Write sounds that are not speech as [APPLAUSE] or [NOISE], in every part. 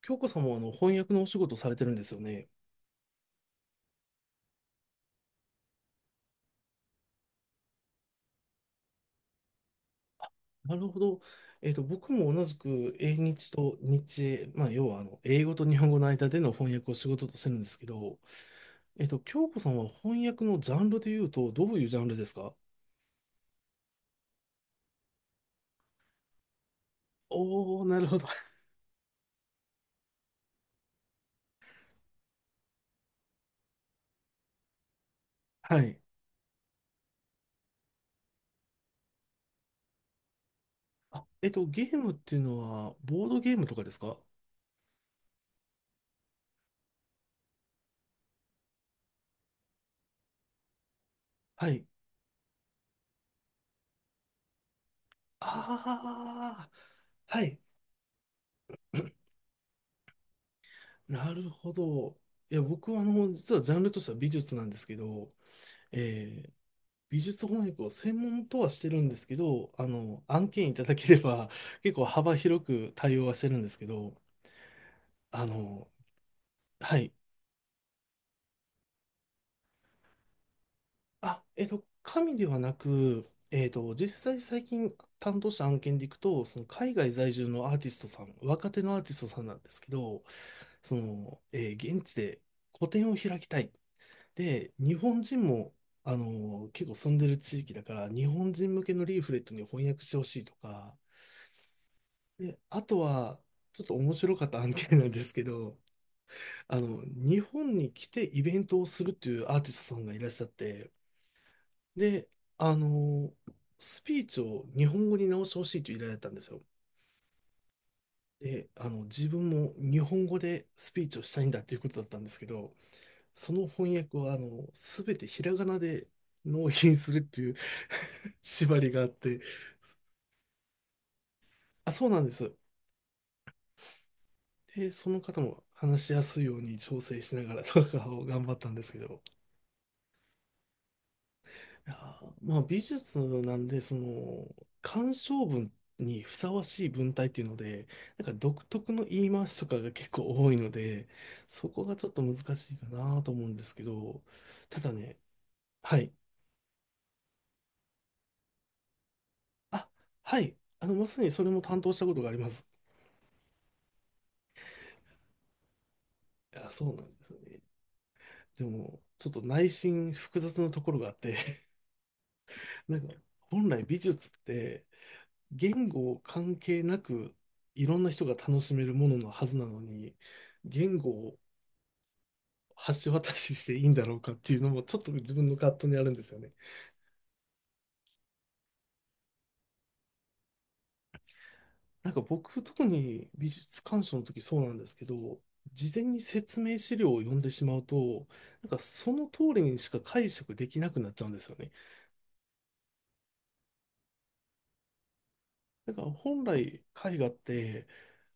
京子さんもあの翻訳のお仕事されてるんですよね。なるほど。僕も同じく英日と日英、まあ、要はあの英語と日本語の間での翻訳を仕事としてるんですけど、京子さんは翻訳のジャンルで言うと、どういうジャンルですか？おおー、なるほど。[LAUGHS] はい。あ、ゲームっていうのは、ボードゲームとかですか？はい。ああ、はい。なるほど。いや、僕はあの、実はジャンルとしては美術なんですけど、え美術翻訳を専門とはしてるんですけど、あの、案件いただければ [LAUGHS] 結構幅広く対応はしてるんですけど、あの、はい。あ、紙ではなく、実際最近担当した案件でいくと、その海外在住のアーティストさん、若手のアーティストさんなんですけど、その、現地で個展を開きたい。で、日本人も、あの、結構住んでる地域だから、日本人向けのリーフレットに翻訳してほしいとか、で、あとは、ちょっと面白かった案件なんですけど、[LAUGHS] あの、日本に来てイベントをするっていうアーティストさんがいらっしゃって、で、あの、スピーチを日本語に直してほしいという依頼だったんですよ。で、あの、自分も日本語でスピーチをしたいんだということだったんですけど、その翻訳を、あの、すべてひらがなで納品するっていう [LAUGHS] 縛りがあって、あ、そうなんです。で、その方も話しやすいように調整しながらとかを頑張ったんですけど、いやー、まあ美術なんで、その、鑑賞文にふさわしい文体っていうので、なんか独特の言い回しとかが結構多いので、そこがちょっと難しいかなと思うんですけど、ただね、はい。あ、はい。あの、まさにそれも担当したことがあります。いや、そうなんですよね。でも、ちょっと内心複雑なところがあって、[LAUGHS] なんか、本来美術って、言語関係なくいろんな人が楽しめるもののはずなのに、言語を橋渡ししていいんだろうかっていうのもちょっと自分の葛藤にあるんですよね。なんか僕、特に美術鑑賞の時そうなんですけど、事前に説明資料を読んでしまうと、なんかその通りにしか解釈できなくなっちゃうんですよね。なんか本来絵画って、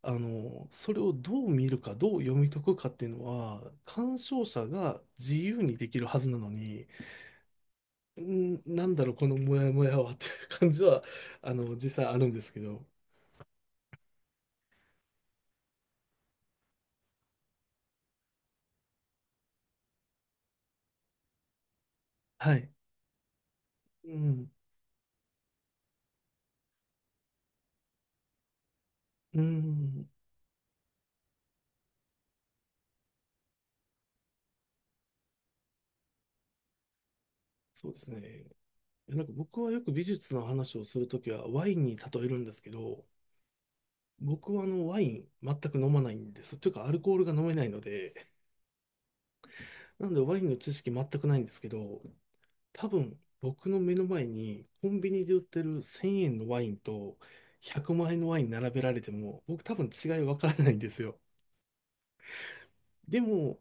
あの、それをどう見るか、どう読み解くかっていうのは、鑑賞者が自由にできるはずなのに、うんなんだろう、このモヤモヤはっていう感じは、あの、実際あるんですけど。はい。うん。うん。そうですね。なんか僕はよく美術の話をするときはワインに例えるんですけど、僕はあのワイン全く飲まないんです。というかアルコールが飲めないので、なのでワインの知識全くないんですけど、多分僕の目の前にコンビニで売ってる1000円のワインと100万円のワイン並べられても、僕多分違い分からないんですよ。でも、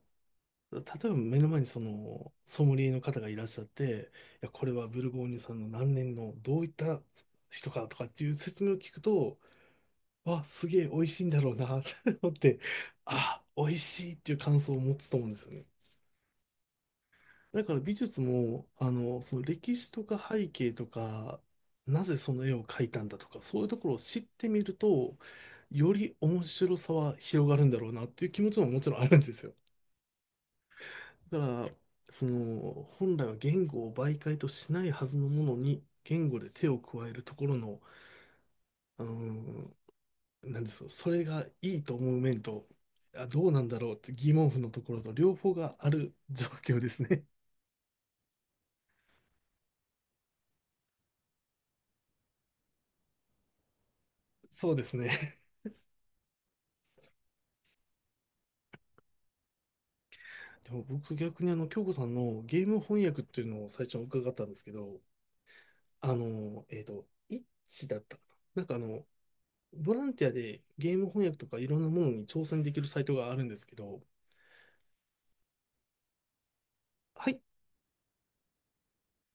例えば目の前にそのソムリエの方がいらっしゃって、いや、これはブルゴーニュさんの何年のどういった人かとかっていう説明を聞くと、わ、すげえ美味しいんだろうなって [LAUGHS] 思って、あ、美味しいっていう感想を持つと思うんですよね。だから美術も、あの、その歴史とか背景とか、なぜその絵を描いたんだとか、そういうところを知ってみると、より面白さは広がるんだろうなっていう気持ちももちろんあるんですよ。だから、その、本来は言語を媒介としないはずのものに、言語で手を加えるところの、うーん、なんですか、それがいいと思う面と、あ、どうなんだろうって疑問符のところと両方がある状況ですね。[LAUGHS] そうですね。[LAUGHS] でも僕逆にあの、京子さんのゲーム翻訳っていうのを最初に伺ったんですけど、あの、イッチだったかな。なんかあの、ボランティアでゲーム翻訳とかいろんなものに挑戦できるサイトがあるんですけど、入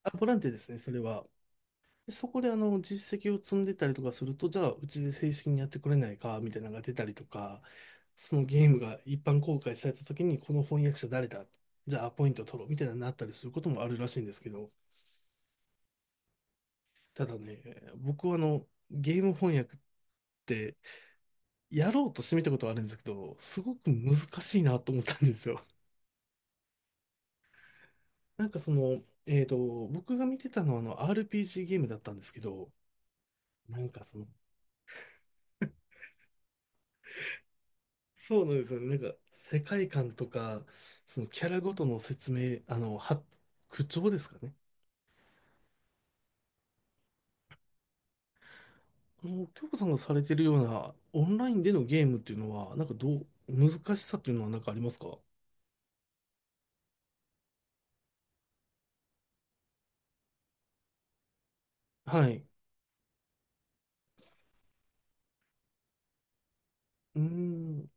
あ、ボランティアですね、それは。でそこであの実績を積んでたりとかすると、じゃあうちで正式にやってくれないかみたいなのが出たりとか、そのゲームが一般公開された時に、この翻訳者誰だ？じゃあアポイント取ろうみたいなのになったりすることもあるらしいんですけど、ただね、僕はあのゲーム翻訳ってやろうとしてみたことはあるんですけど、すごく難しいなと思ったんですよ。[LAUGHS] なんかその、僕が見てたのはあの RPG ゲームだったんですけど、なんかそのそうなんですよね。なんか、世界観とか、そのキャラごとの説明、あの、口調ですかね。あの、京子さんがされてるようなオンラインでのゲームっていうのは、なんかどう、難しさっていうのはなんかありますか？はい。うーん。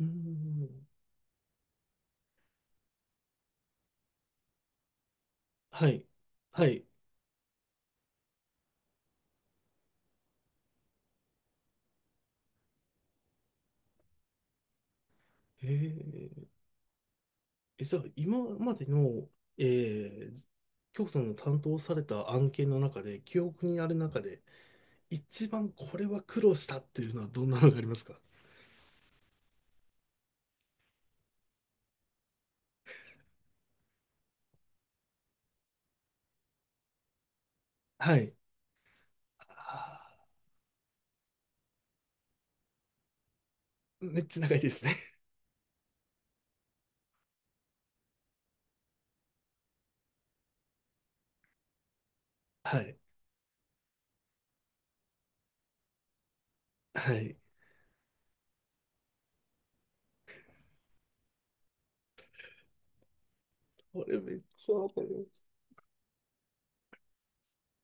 うーん。はい。はい。えー、え、じゃあ、今までの、えー、京子さんの担当された案件の中で、記憶にある中で、一番これは苦労したっていうのはどんなのがありますか？はい。あーめっちゃ長いですね。[LAUGHS] はい。はい。これめっちゃわかります。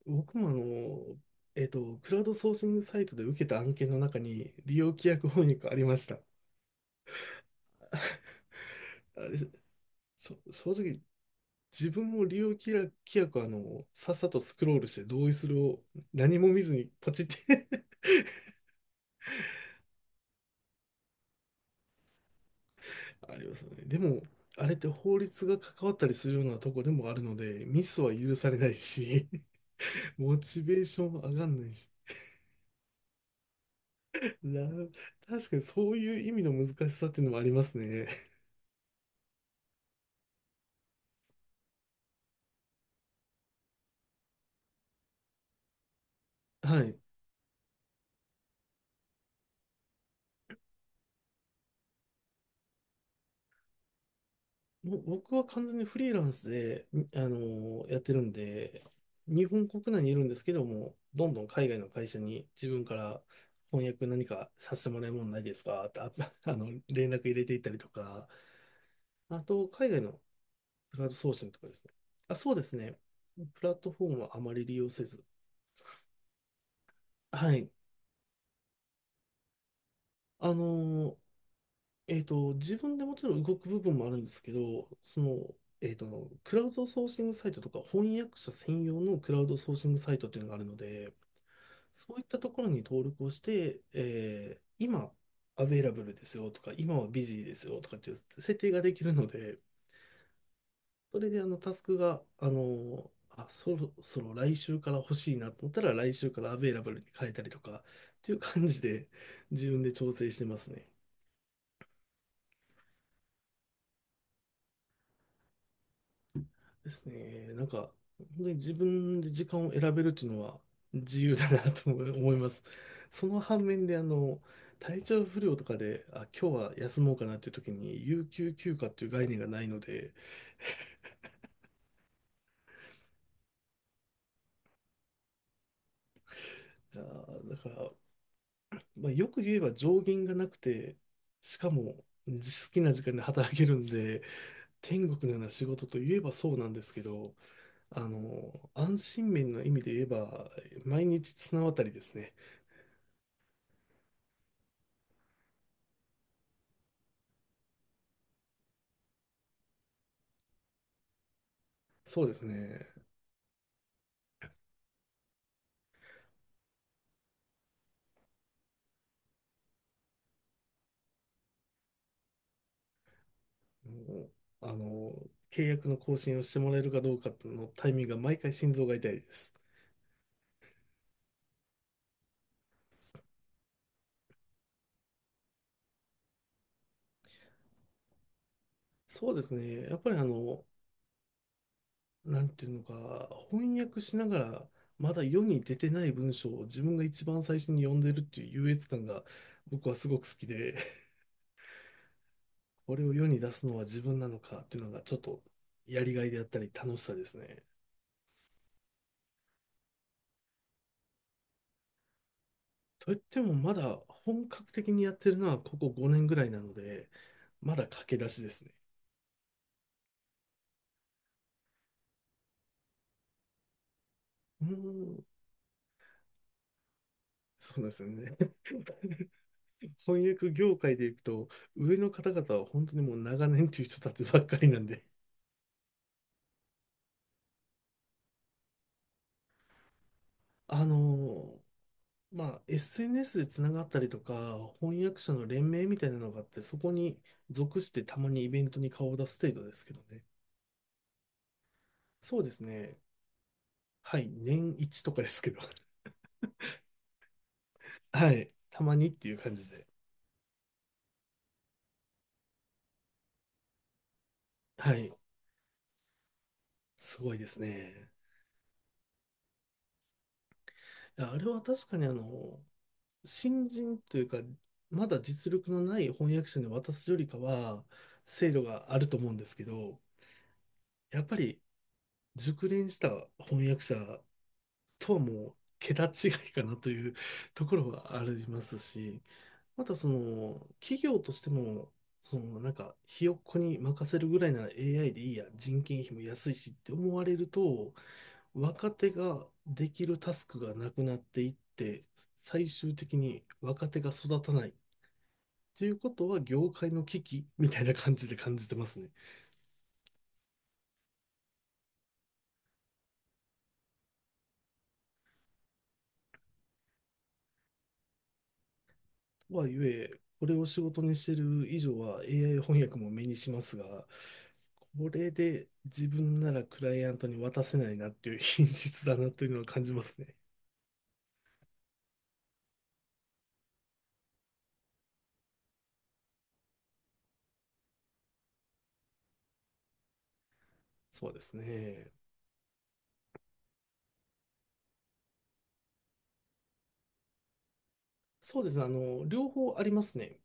僕もあの、クラウドソーシングサイトで受けた案件の中に利用規約翻訳ありました。[LAUGHS] あれ、正直、自分も利用規約、規約はあの、さっさとスクロールして同意するを何も見ずにポチって [LAUGHS] ありますよね。でも、あれって法律が関わったりするようなとこでもあるので、ミスは許されないし、[LAUGHS] モチベーションも上がんないし、な、確かにそういう意味の難しさっていうのもありますね。[LAUGHS] はい。もう僕は完全にフリーランスで、にあのーやってるんで、日本国内にいるんですけども、どんどん海外の会社に自分から翻訳何かさせてもらえるもんないですかって、あ、[LAUGHS] あの、連絡入れていったりとか、あと、海外のクラウドソーシングとかですね。あ、そうですね。プラットフォームはあまり利用せず。はい。あのー自分でもちろん動く部分もあるんですけど、その、クラウドソーシングサイトとか翻訳者専用のクラウドソーシングサイトっていうのがあるので、そういったところに登録をして、今、アベイラブルですよとか、今はビジーですよとかっていう設定ができるので、それであのタスクが、あ、そろそろ来週から欲しいなと思ったら、来週からアベイラブルに変えたりとかっていう感じで、自分で調整してますね。ですね。なんか、本当に自分で時間を選べるっていうのは自由だなと思い思います。その反面で、あの、体調不良とかで、あ、今日は休もうかなっていう時に、有給休暇っていう概念がないので、あー、だから、まあ、よく言えば上限がなくて、しかも好きな時間で働けるんで、天国のような仕事といえばそうなんですけど、あの、安心面の意味で言えば、毎日綱渡りですね。そうですね。もう、あの、契約の更新をしてもらえるかどうかのタイミングが毎回心臓が痛いです。そうですね。やっぱりあの、なんていうのか、翻訳しながら、まだ世に出てない文章を自分が一番最初に読んでるっていう優越感が僕はすごく好きで、[LAUGHS] これを世に出すのは自分なのかっていうのがちょっとやりがいであったり楽しさですね。といってもまだ本格的にやってるのはここ5年ぐらいなので、まだ駆け出しですね。うーんそうなんですよね。[LAUGHS] 翻訳業界でいくと、上の方々は本当にもう長年という人たちばっかりなんで、あのまあ、SNS でつながったりとか、翻訳者の連盟みたいなのがあって、そこに属してたまにイベントに顔を出す程度ですけどね。そうですね。はい、年一とかですけど。[LAUGHS] はい、たまにっていう感じで。はい、すごいですね。いやあれは確かにあの、新人というか、まだ実力のない翻訳者に渡すよりかは、精度があると思うんですけど、やっぱり熟練した翻訳者とはもう桁違いかなというところはありますし、またその企業としても、そのなんかひよっこに任せるぐらいなら AI でいいや、人件費も安いしって思われると、若手ができるタスクがなくなっていって、最終的に若手が育たないということは、業界の危機みたいな感じで感じてますね。とはいえ、これを仕事にしてる以上は AI 翻訳も目にしますが、これで自分ならクライアントに渡せないなっていう [LAUGHS] 品質だなというのは感じますね。そうですね。そうですね。あの、両方ありますね。